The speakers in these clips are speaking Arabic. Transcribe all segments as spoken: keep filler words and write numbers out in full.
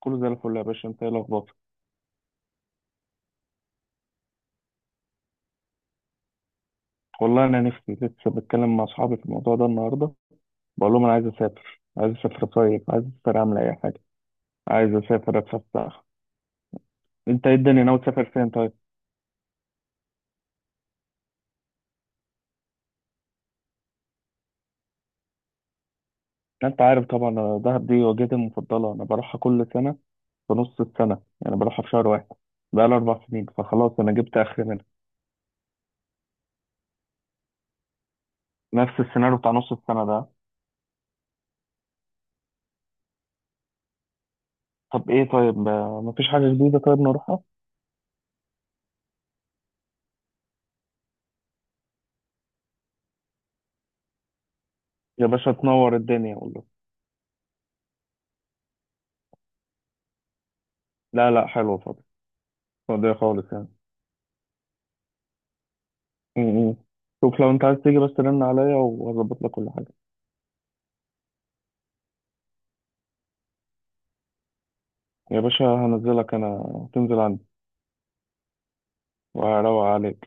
كله زي الفل يا باشا، انت ايه الاخبار؟ والله انا نفسي، لسه بتكلم مع اصحابي في الموضوع ده النهارده، بقول لهم انا عايز اسافر، عايز اسافر اصيف، عايز اسافر اعمل اي حاجه، عايز اسافر اتفسح. انت ايه الدنيا، ناوي تسافر فين طيب؟ انت عارف طبعا، انا دهب دي وجهتي المفضله، انا بروحها كل سنه في نص السنه، يعني بروحها في شهر واحد. بقى لي اربع سنين فخلاص، انا جبت اخر منها. نفس السيناريو بتاع نص السنه ده. طب ايه طيب، آه، مفيش حاجه جديده، طيب نروحها. يا باشا، تنور الدنيا والله. لا لا، حلوه فاضي، فاضي خالص يعني. م- م. شوف لو انت عايز تيجي، بس رن عليا وهظبط لك كل حاجة. يا باشا، هنزلك انا تنزل عندي، وهروق عليك.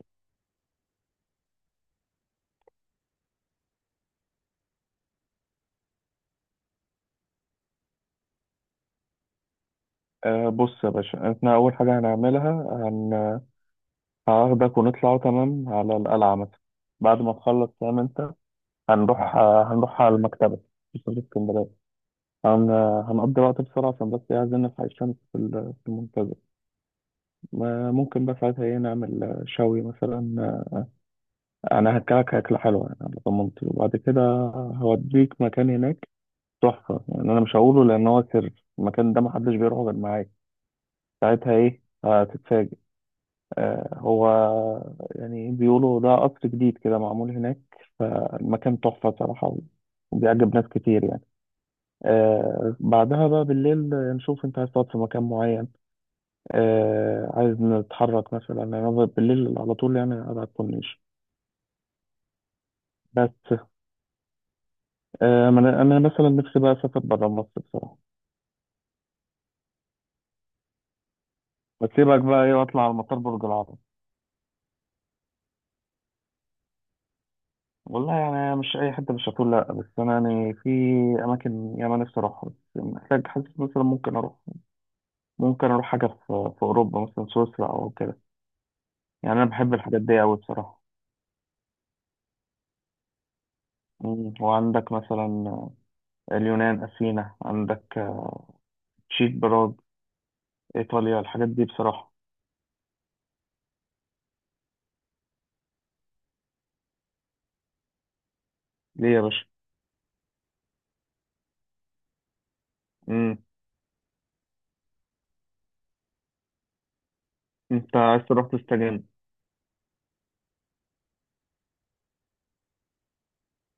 أه بص يا باشا، احنا اول حاجة هنعملها، هن... هاخدك ونطلع تمام على القلعة مثلا، بعد ما تخلص فاهم انت. هنروح آه، هنروح على المكتبة في سوق اسكندرية. هن... هنقضي وقت بسرعة عشان بس، إيه، عايزين نلحق الشمس في ال- في المنتزه. ما- ممكن بقى ساعتها ايه نعمل، آه، شوي مثلا، آه، انا هاكلك اكلة حلوة يعني على ضمانتي، وبعد كده هوديك مكان هناك تحفة يعني. أنا مش هقوله لأن هو سر، المكان ده محدش بيروحه غير معاك. ساعتها إيه هتتفاجئ. آه هو يعني بيقولوا ده قصر جديد كده معمول هناك، فالمكان تحفة صراحة، وبيعجب ناس كتير يعني. آه بعدها بقى بالليل، نشوف أنت عايز تقعد في مكان معين. آه عايز نتحرك مثلا، يعني أنا بالليل على طول يعني قاعد على الكورنيش بس. آه ما أنا أنا مثلا نفسي بقى أسافر برا مصر، بصراحة. بسيبك بقى إيه، وأطلع على مطار برج العرب. والله يعني مش أي حتة، مش هتقول لأ، بس أنا يعني في أماكن ياما نفسي أروحها، بس محتاج، حاسس مثلا ممكن أروح ممكن أروح حاجة في, في أوروبا، مثلا سويسرا أو كده. يعني أنا بحب الحاجات دي أوي بصراحة. مم. وعندك مثلا اليونان، أثينا. عندك تشيك، براغ. إيطاليا. الحاجات دي بصراحة. ليه يا باشا؟ مم. أنت عايز تروح تستجم.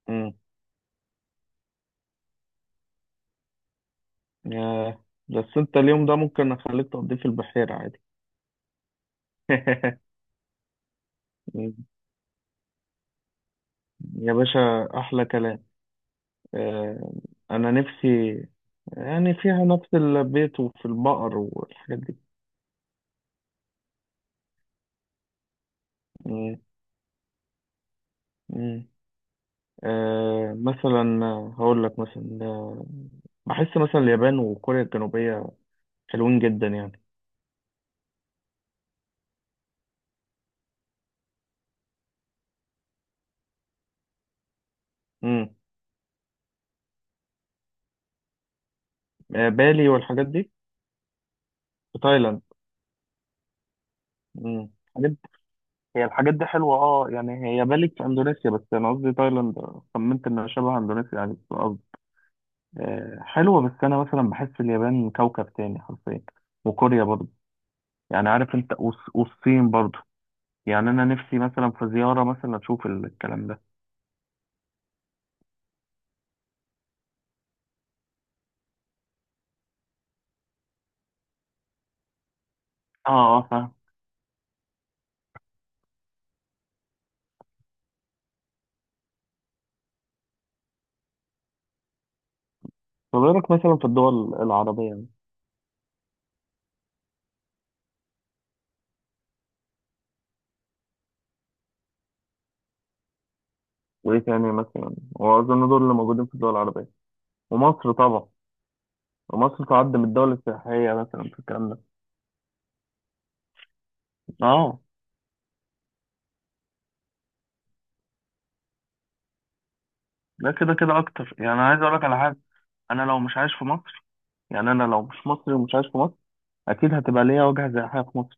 مم. ياه. بس أنت اليوم ده ممكن أخليك تقضيه في البحيرة عادي. يا باشا، أحلى كلام. آه، انا نفسي يعني فيها نفس البيت، وفي البقر والحاجات دي. مم. مم. آه، مثلا هقول لك مثلا، آه، بحس مثلا اليابان وكوريا الجنوبية حلوين جدا يعني. مم. آه، بالي والحاجات دي. في تايلاند. مم. الحاجات- هي الحاجات دي حلوة، اه يعني هي بالي في اندونيسيا، بس انا قصدي تايلاند. خمنت انها شبه اندونيسيا يعني في الارض. آه، حلوة، بس انا مثلا بحس اليابان كوكب تاني حرفيا. وكوريا برضه، يعني عارف انت. والص- والصين برضو، يعني انا نفسي مثلا في زيارة مثلا اشوف ال- الكلام ده. اه، اه، فاهم. طب ايه رأيك مثلا في الدول العربية يعني؟ وايه تاني مثلا؟ واظن دول اللي موجودين في الدول العربية. ومصر طبعا. ومصر تعد من الدول السياحية مثلا في الكلام ده. اه. لا، كده كده اكتر يعني. انا عايز اقول لك على حاجة، انا لو مش عايش في مصر، يعني انا لو مش مصري ومش عايش في مصر، اكيد هتبقى ليا وجهة سياحية في مصر.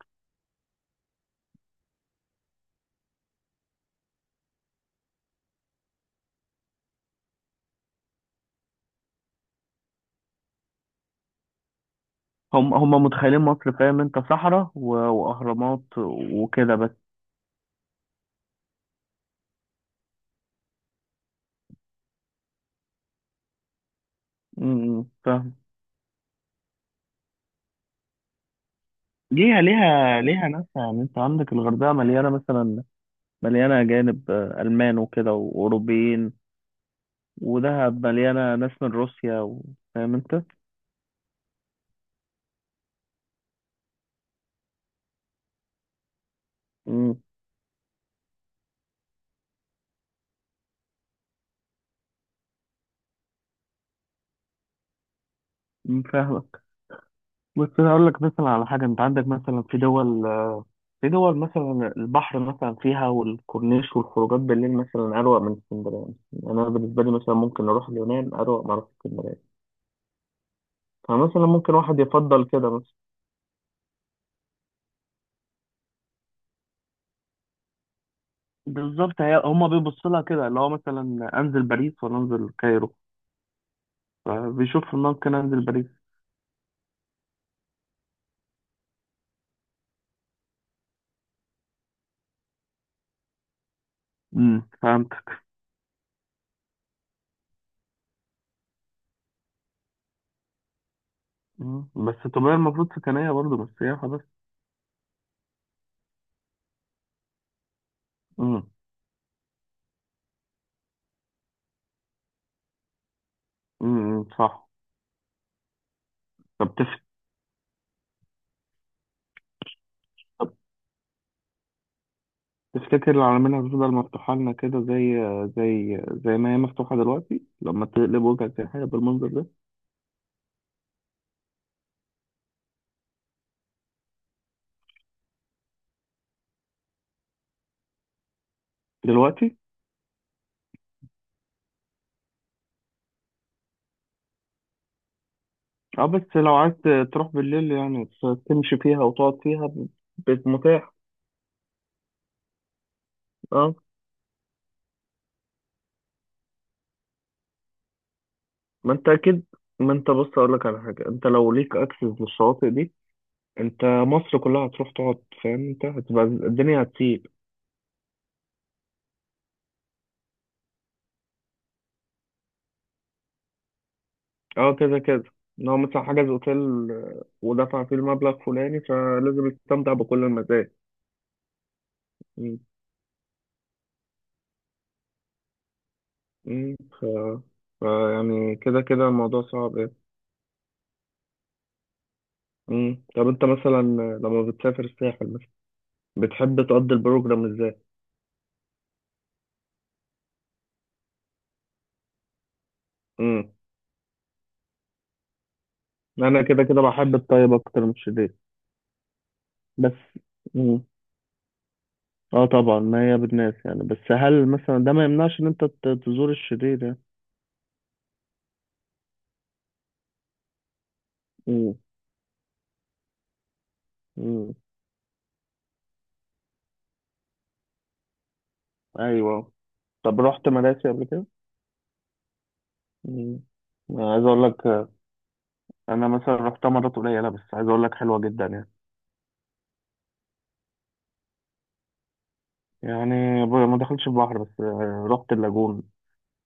هم هم متخيلين مصر، فاهم انت؟ صحراء و- واهرامات وكده بس. امم، فاهم. ليها ليها ليها ناس، يعني انت عندك الغردقه مليانه مثلا، مليانه اجانب، آه، المان وكده واوروبيين. ودهب مليانه ناس من روسيا و- فاهم انت؟ امم فاهمك. بس انا اقول لك مثلا على حاجه، انت عندك مثلا في دول في دول مثلا البحر مثلا فيها، والكورنيش والخروجات بالليل مثلا اروق من اسكندريه. يعني انا بالنسبه لي مثلا ممكن اروح اليونان اروق ما اروح اسكندريه. فمثلا ممكن واحد يفضل كده مثلا. بالظبط. هي هما بيبصوا لها كده، اللي هو مثلا انزل باريس ولا انزل الكايرو؟ فبيشوف ممكن انزل باريس. امم فهمتك. مم. بس تبقى المفروض سكنية برضه، مش سياحة بس. امم، امم، صح. طب تف... طب، تفتكر العلمين هتفضل مفتوحة لنا كده، زي زي زي ما هي مفتوحة دلوقتي، لما تقلب وجهك سياحية بالمنظر ده؟ دلوقتي. اه، بس لو عايز تروح بالليل يعني، ت- تمشي فيها وتقعد فيها، ب- ب- متاح. اه، ما انت اكيد. ما انت، بص اقول لك على حاجة، انت لو ليك اكسس للشواطئ دي، انت مصر كلها هتروح تقعد، فاهم انت؟ هتبقى الدنيا هتسيب. اه كده كده. ان هو مثلا حجز اوتيل، آه، ودفع فيه المبلغ فلاني، فلازم يستمتع بكل المزايا. مم. مم. ف... ف يعني كده كده الموضوع صعب يعني. مم. طب انت مثلا لما بتسافر الساحل مثلا، بتحب تقضي البروجرام ازاي؟ مم. انا كده كده بحب الطيب اكتر من الشديد بس. مم. اه طبعا، ما هي بالناس يعني، بس هل مثلا ده ما يمنعش ان انت ت- تزور الشرير يعني؟ مم. مم. ايوه. طب رحت مراسي قبل كده؟ مم. أنا عايز اقول لك، آه، انا مثلا رحتها مرات قليله، بس عايز اقول لك حلوه جدا يعني. يعني ب- ما دخلتش البحر، بس آه، رحت اللاجون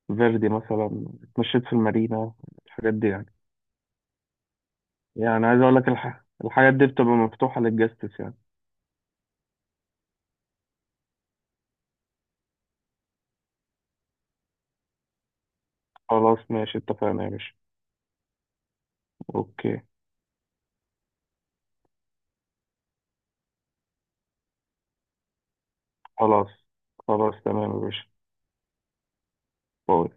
فيردي مثلا، اتمشيت في المارينا، الحاجات دي يعني. يعني عايز اقول لك، الح... الحاجات دي بتبقى مفتوحه للجاستس يعني. خلاص ماشي، اتفقنا يا باشا. اوكي. خلاص، خلاص، تمام يا باشا. باي.